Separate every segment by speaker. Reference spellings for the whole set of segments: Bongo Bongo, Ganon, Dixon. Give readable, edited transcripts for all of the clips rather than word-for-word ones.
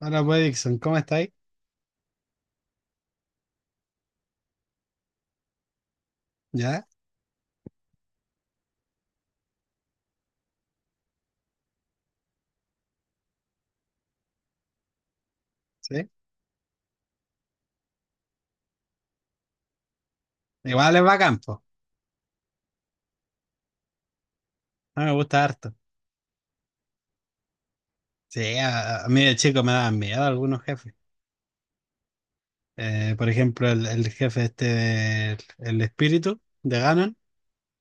Speaker 1: Hola, pues, Dixon, ¿cómo estáis? ¿Ya? ¿Sí? Igual es bacán, po. A mí me gusta harto. Sí, a mí de chico me daban miedo algunos jefes. Por ejemplo, el jefe este del el espíritu de Ganon,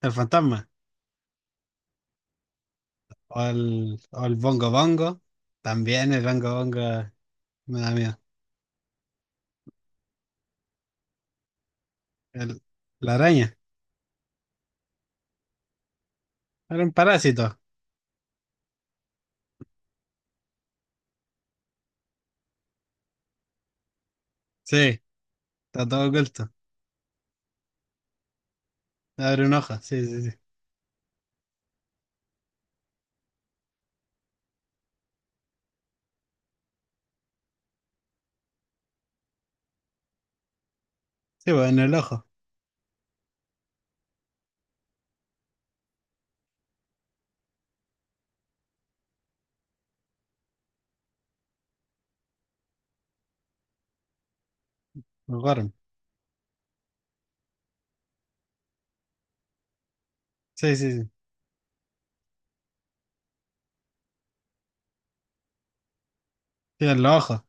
Speaker 1: el fantasma. O el Bongo Bongo. También el Bongo Bongo me da miedo. El- la araña. Era un parásito. Sí, está todo oculto. Abre un ojo. Sí, sí, sí. Sí, pues en el ojo. Me acuerdo. Sí, sí, sí. Sí, en los ojos.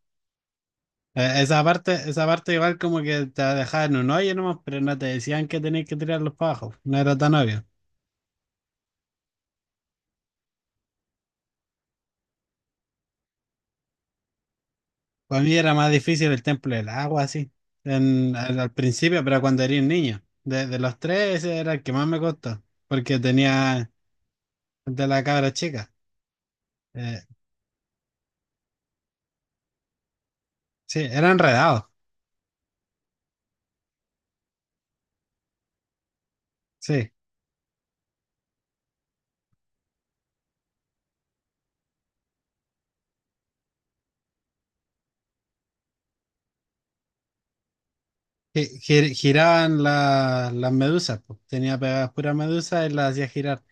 Speaker 1: Esa parte igual como que te dejaban en un hoyo nomás, pero no te decían que tenías que tirarlos para abajo. No era tan obvio. Para mí era más difícil el templo del agua, así. En- al principio, pero cuando era un niño. De los tres, ese era el que más me costó. Porque tenía el de la cabra chica. Eh, sí, era enredado. Sí. Gi- gir- giraban la- las medusas, po. Tenía pegadas puras medusas y las hacía girar.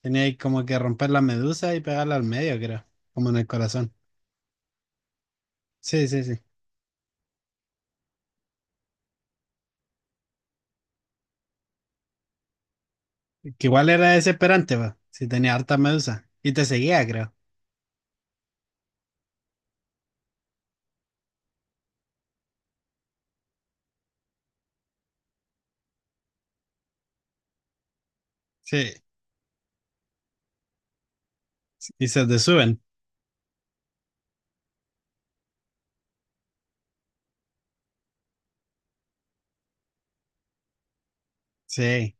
Speaker 1: Tenía ahí como que romper la medusa y pegarla al medio, creo. Como en el corazón. Sí, sí, sí. Que igual era desesperante, va. Si tenía harta medusa. Y te seguía, creo. Sí. Y se te suben. Sí.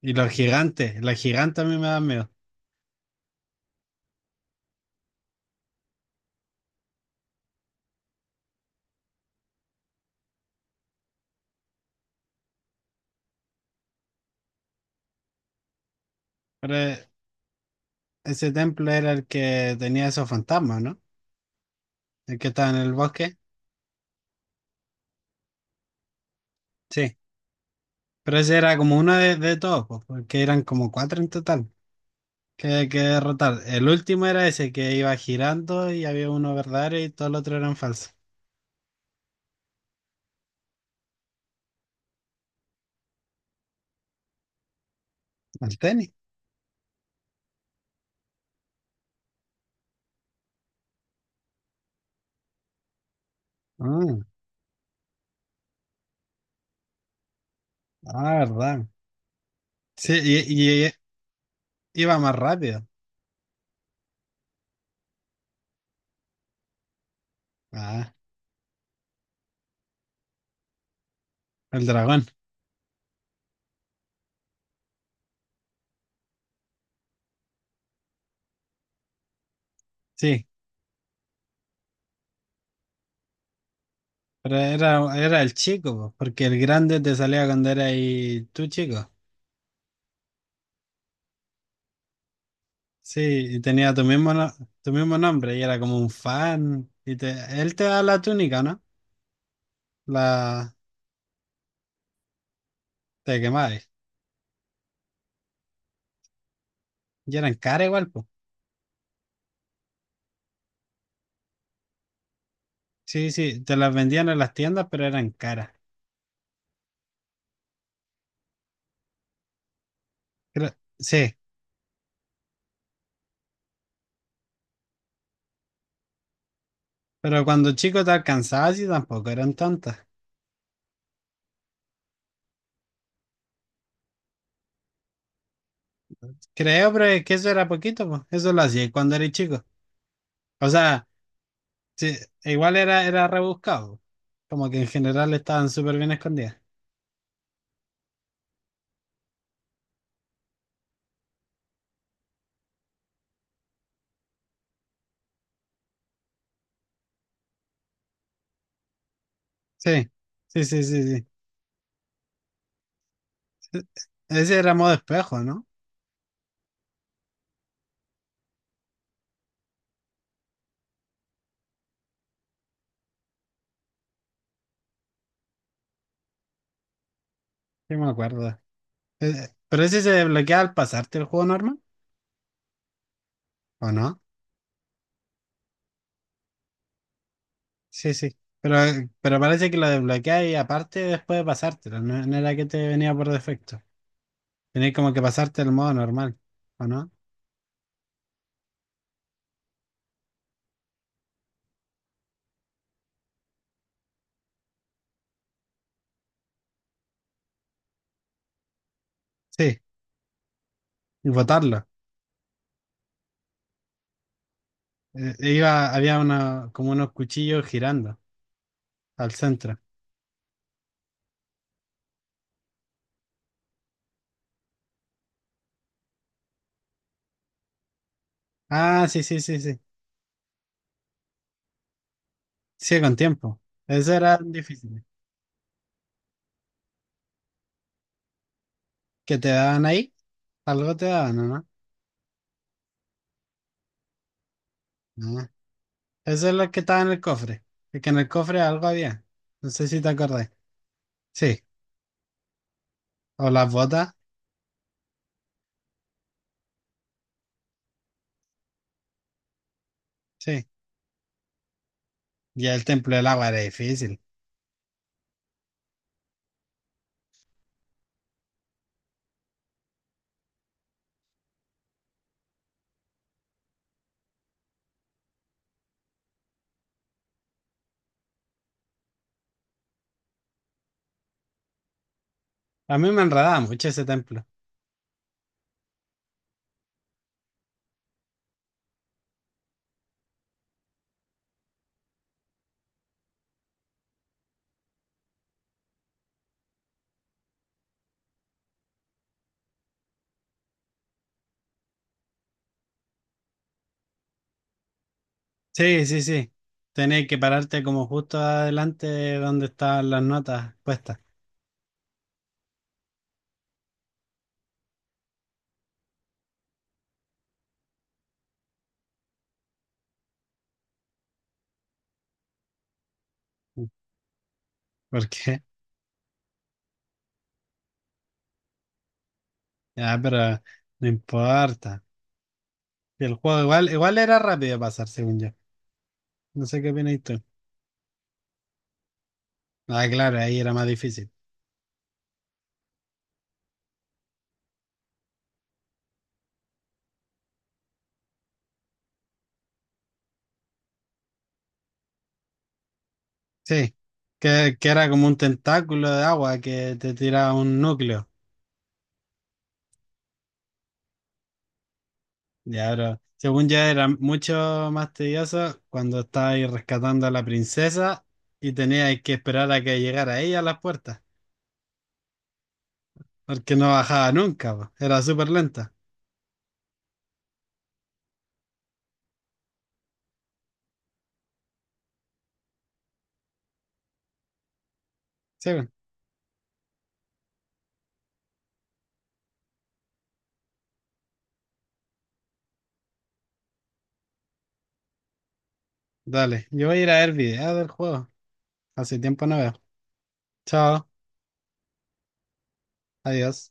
Speaker 1: Y los gigantes. Los gigantes a mí me dan miedo. Pero ese templo era el que tenía esos fantasmas, ¿no? El que estaba en el bosque. Sí. Pero ese era como uno de todos, po, porque eran como cuatro en total que derrotar. El último era ese que iba girando y había uno verdadero y todos los otros eran falsos. El tenis. Ah, ah, verdad. Sí, y, y iba más rápido. Ah. El dragón, sí. Pero era, era el chico, po, porque el grande te salía cuando era ahí tú chico. Sí, y tenía tu mismo, no- tu mismo nombre y era como un fan. Y te, él te da la túnica, ¿no? La te quemabas. Y eran caras igual, pues. Sí, sí, te las vendían en las tiendas, pero eran caras. Creo- sí, pero cuando chico te alcanzabas y tampoco eran tantas. Creo, pero es que eso era poquito, pues. Eso lo hacía cuando eres chico. O sea, sí, igual era, era rebuscado. Como que en general estaban súper bien escondidas. Sí, sí, sí, sí, sí. E- ese era modo espejo, ¿no? Sí, me acuerdo. Pero ese se desbloquea al pasarte el juego normal, ¿o no? Sí, sí. Pero parece que lo desbloquea y aparte después de pasártelo, no, no era que te venía por defecto. Tenías como que pasarte el modo normal, ¿o no? Sí, y botarlo. Iba, había una, como unos cuchillos girando al centro. Ah, sí, sí, sí, sí. Sí, con tiempo. Eso era difícil. ¿Qué te daban ahí? Algo te daban, ¿o ¿no? Ah, eso es lo que estaba en el cofre. Es que en el cofre algo había. No sé si te acordás. Sí. O las botas. Sí. Y el templo del agua era difícil. A mí me enredaba mucho ese templo. Sí, sí, sí. Tenías que pararte como justo adelante de donde estaban las notas puestas. ¿Por qué? Ya, pero no importa. El juego igual, igual era rápido de pasar, según yo. No sé qué opinas tú. Ah, claro, ahí era más difícil. Sí, que era como un tentáculo de agua que te tiraba un núcleo. Ya, pero según ya era mucho más tedioso cuando estabais rescatando a la princesa y teníais que esperar a que llegara ella a las puertas, porque no bajaba nunca, po. Era súper lenta. Sí, bueno, dale, yo voy a ir a ver videos del juego. Hace tiempo no veo. Chao, adiós.